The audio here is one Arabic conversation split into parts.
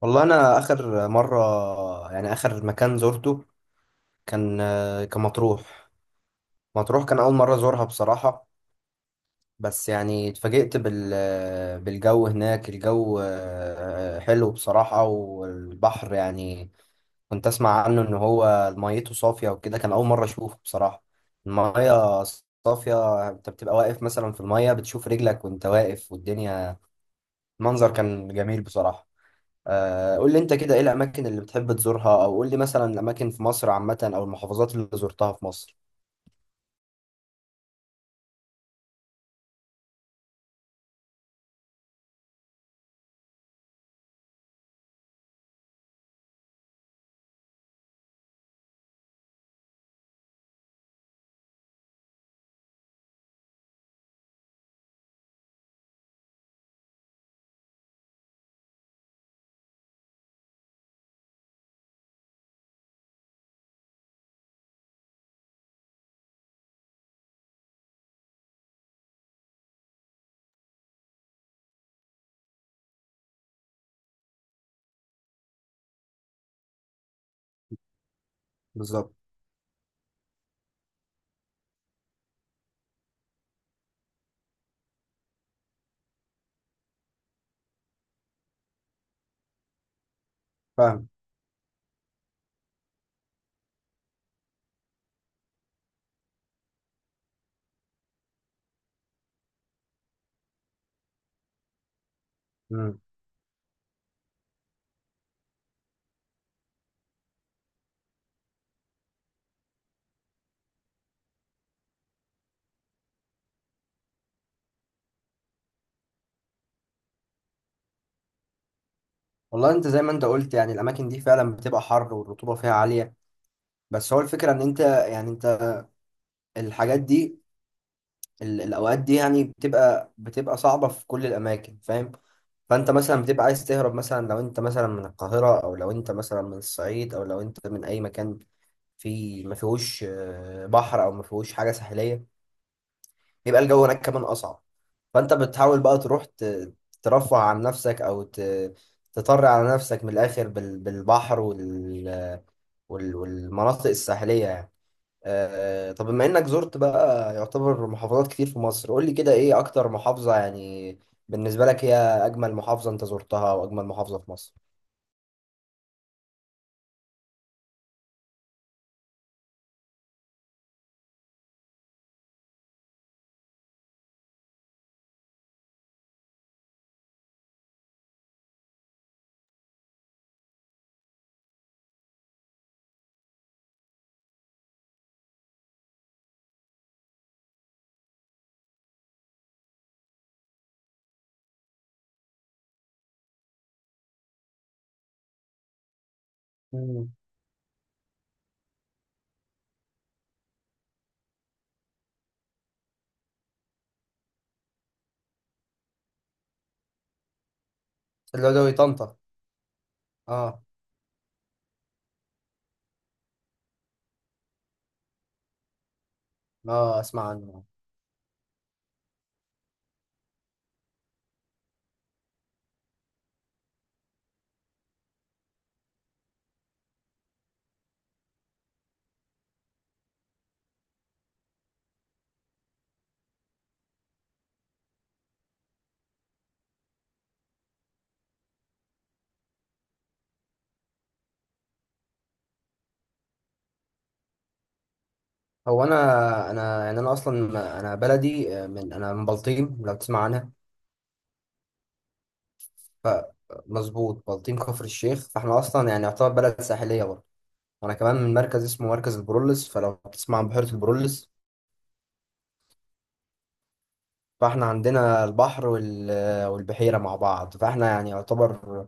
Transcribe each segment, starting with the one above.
والله انا اخر مره. يعني اخر مكان زرته كان كان مطروح. مطروح كان اول مره ازورها بصراحه. بس يعني اتفاجئت بالجو هناك. الجو حلو بصراحه، والبحر يعني كنت اسمع عنه ان هو ميته صافيه وكده. كان اول مره اشوفه بصراحه. الميه صافيه، انت بتبقى واقف مثلا في الميه بتشوف رجلك وانت واقف والدنيا. منظر كان جميل بصراحه. قول لي انت كده، ايه الاماكن اللي بتحب تزورها، او قول لي مثلا الاماكن في مصر عامه، او المحافظات اللي زرتها في مصر؟ بالظبط. فاهم. مم. والله انت زي ما انت قلت يعني الاماكن دي فعلا بتبقى حر والرطوبه فيها عاليه. بس هو الفكره ان انت يعني انت الحاجات دي، الاوقات دي يعني بتبقى صعبه في كل الاماكن، فاهم. فانت مثلا بتبقى عايز تهرب، مثلا لو انت مثلا من القاهره، او لو انت مثلا من الصعيد، او لو انت من اي مكان في ما فيهوش بحر، او ما فيهوش حاجه ساحليه، بيبقى الجو هناك كمان اصعب. فانت بتحاول بقى تروح ترفه عن نفسك، او تطر على نفسك من الاخر بالبحر والمناطق الساحليه يعني. طب بما انك زرت بقى يعتبر محافظات كتير في مصر، قول لي كده، ايه اكتر محافظه يعني بالنسبه لك هي اجمل محافظه انت زرتها واجمل محافظه في مصر؟ مم. العدوي، طنطا. اه. اه، اسمع عنه. هو انا يعني انا اصلا انا بلدي، من انا من بلطيم لو تسمع عنها. ف مظبوط، بلطيم كفر الشيخ. فاحنا اصلا يعني يعتبر بلد ساحليه برضه. وانا كمان من مركز اسمه مركز البرولس، فلو بتسمع عن بحيره البرولس، فاحنا عندنا البحر وال... والبحيره مع بعض. فاحنا يعني يعتبر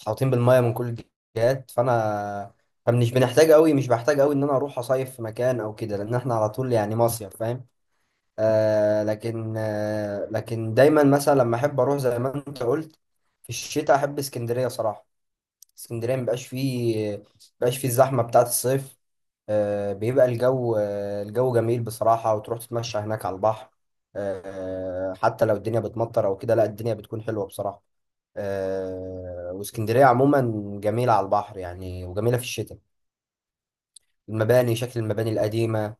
محاوطين بالميه من كل الجهات. فمش بنحتاج قوي، مش بحتاج قوي ان انا اروح اصيف في مكان او كده، لان احنا على طول يعني مصيف، فاهم. لكن دايما مثلا لما احب اروح زي ما انت قلت في الشتاء احب اسكندريه صراحه. اسكندريه مبقاش فيه الزحمه بتاعه الصيف. بيبقى الجو، الجو جميل بصراحه، وتروح تتمشى هناك على البحر. حتى لو الدنيا بتمطر او كده، لا الدنيا بتكون حلوه بصراحه. واسكندريه عموما جميله على البحر يعني، وجميله في الشتاء. المباني، شكل المباني القديمه.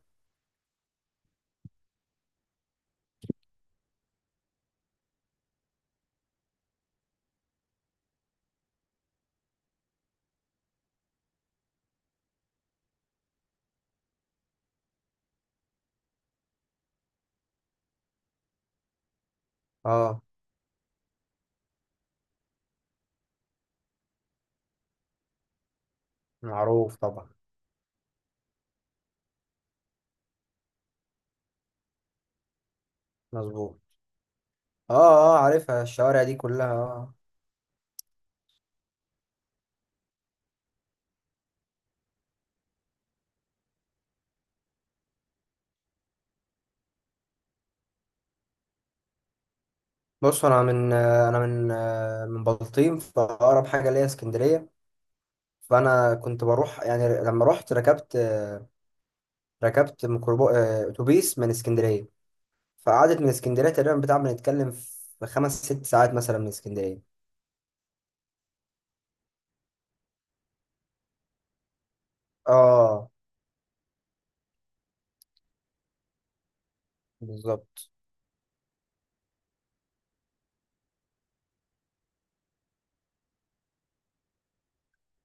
اه، معروف طبعا. مظبوط. اه. اه، عارفها الشوارع دي كلها، اه. بص، انا من بلطيم، فاقرب حاجه ليا اسكندريه. فانا كنت بروح، يعني لما رحت ركبت ميكروبو آه، اتوبيس من اسكندريه. فقعدت من اسكندريه تقريبا، بتاع بنتكلم في خمس ست ساعات مثلا من اسكندريه. اه، بالظبط.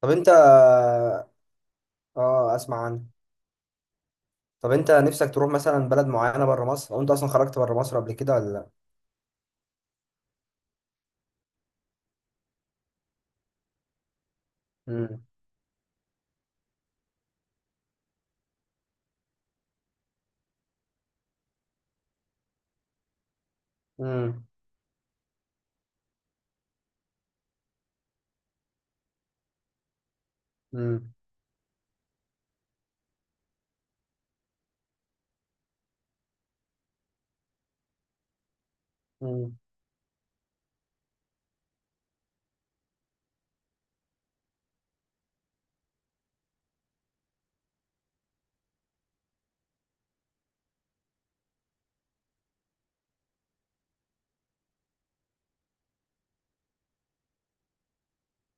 طب انت. اه، اسمع عنه. طب انت نفسك تروح مثلا بلد معينه بره مصر، او انت اصلا خرجت بره مصر قبل كده ولا لا؟ امم. امم. امم. امم.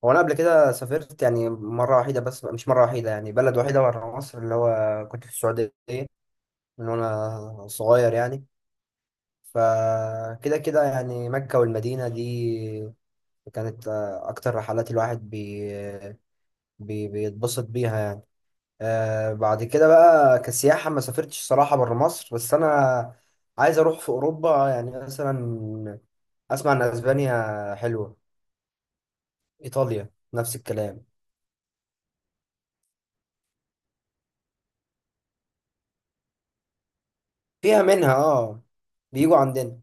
هو انا قبل كده سافرت يعني مره وحيده، بس مش مره وحيده يعني بلد وحيده بره مصر، اللي هو كنت في السعوديه من وانا صغير يعني. فكده كده يعني مكة والمدينة دي كانت أكتر رحلات الواحد بي بي بيتبسط بيها يعني. بعد كده بقى كسياحة ما سافرتش صراحة برا مصر. بس أنا عايز أروح في أوروبا يعني مثلا. أسمع إن أسبانيا حلوة، إيطاليا نفس الكلام. فيها منها آه، بيجوا عندنا.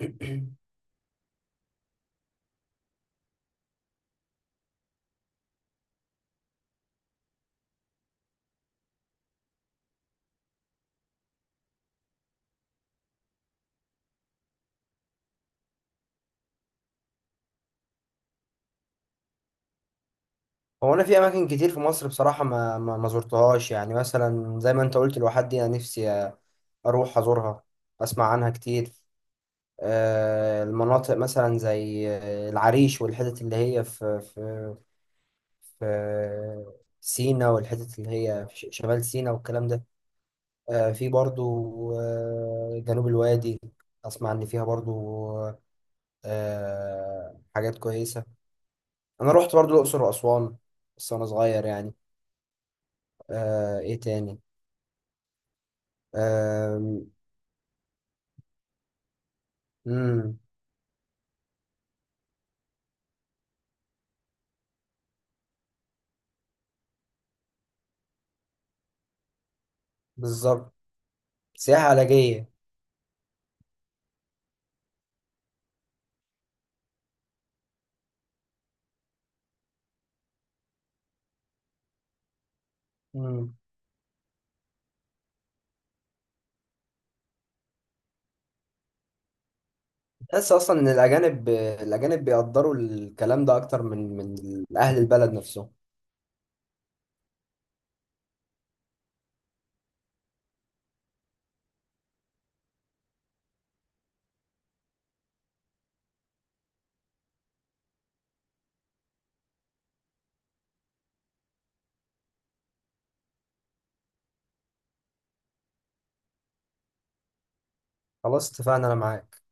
هو انا في اماكن كتير في مصر بصراحه ما زرتهاش. يعني مثلا زي ما انت قلت الواحات دي انا نفسي اروح ازورها، اسمع عنها كتير. المناطق مثلا زي العريش والحتت اللي هي في سينا، والحتت اللي هي في شمال سينا والكلام ده. في برضو جنوب الوادي، اسمع ان فيها برضو حاجات كويسه. انا رحت برضو الاقصر واسوان بس وانا صغير يعني. ايه تاني؟ آم. مم. بالظبط. سياحة علاجية. مم. تحس أصلا إن الأجانب بيقدروا الكلام ده أكتر من أهل البلد نفسهم. خلاص اتفقنا، أنا معاك.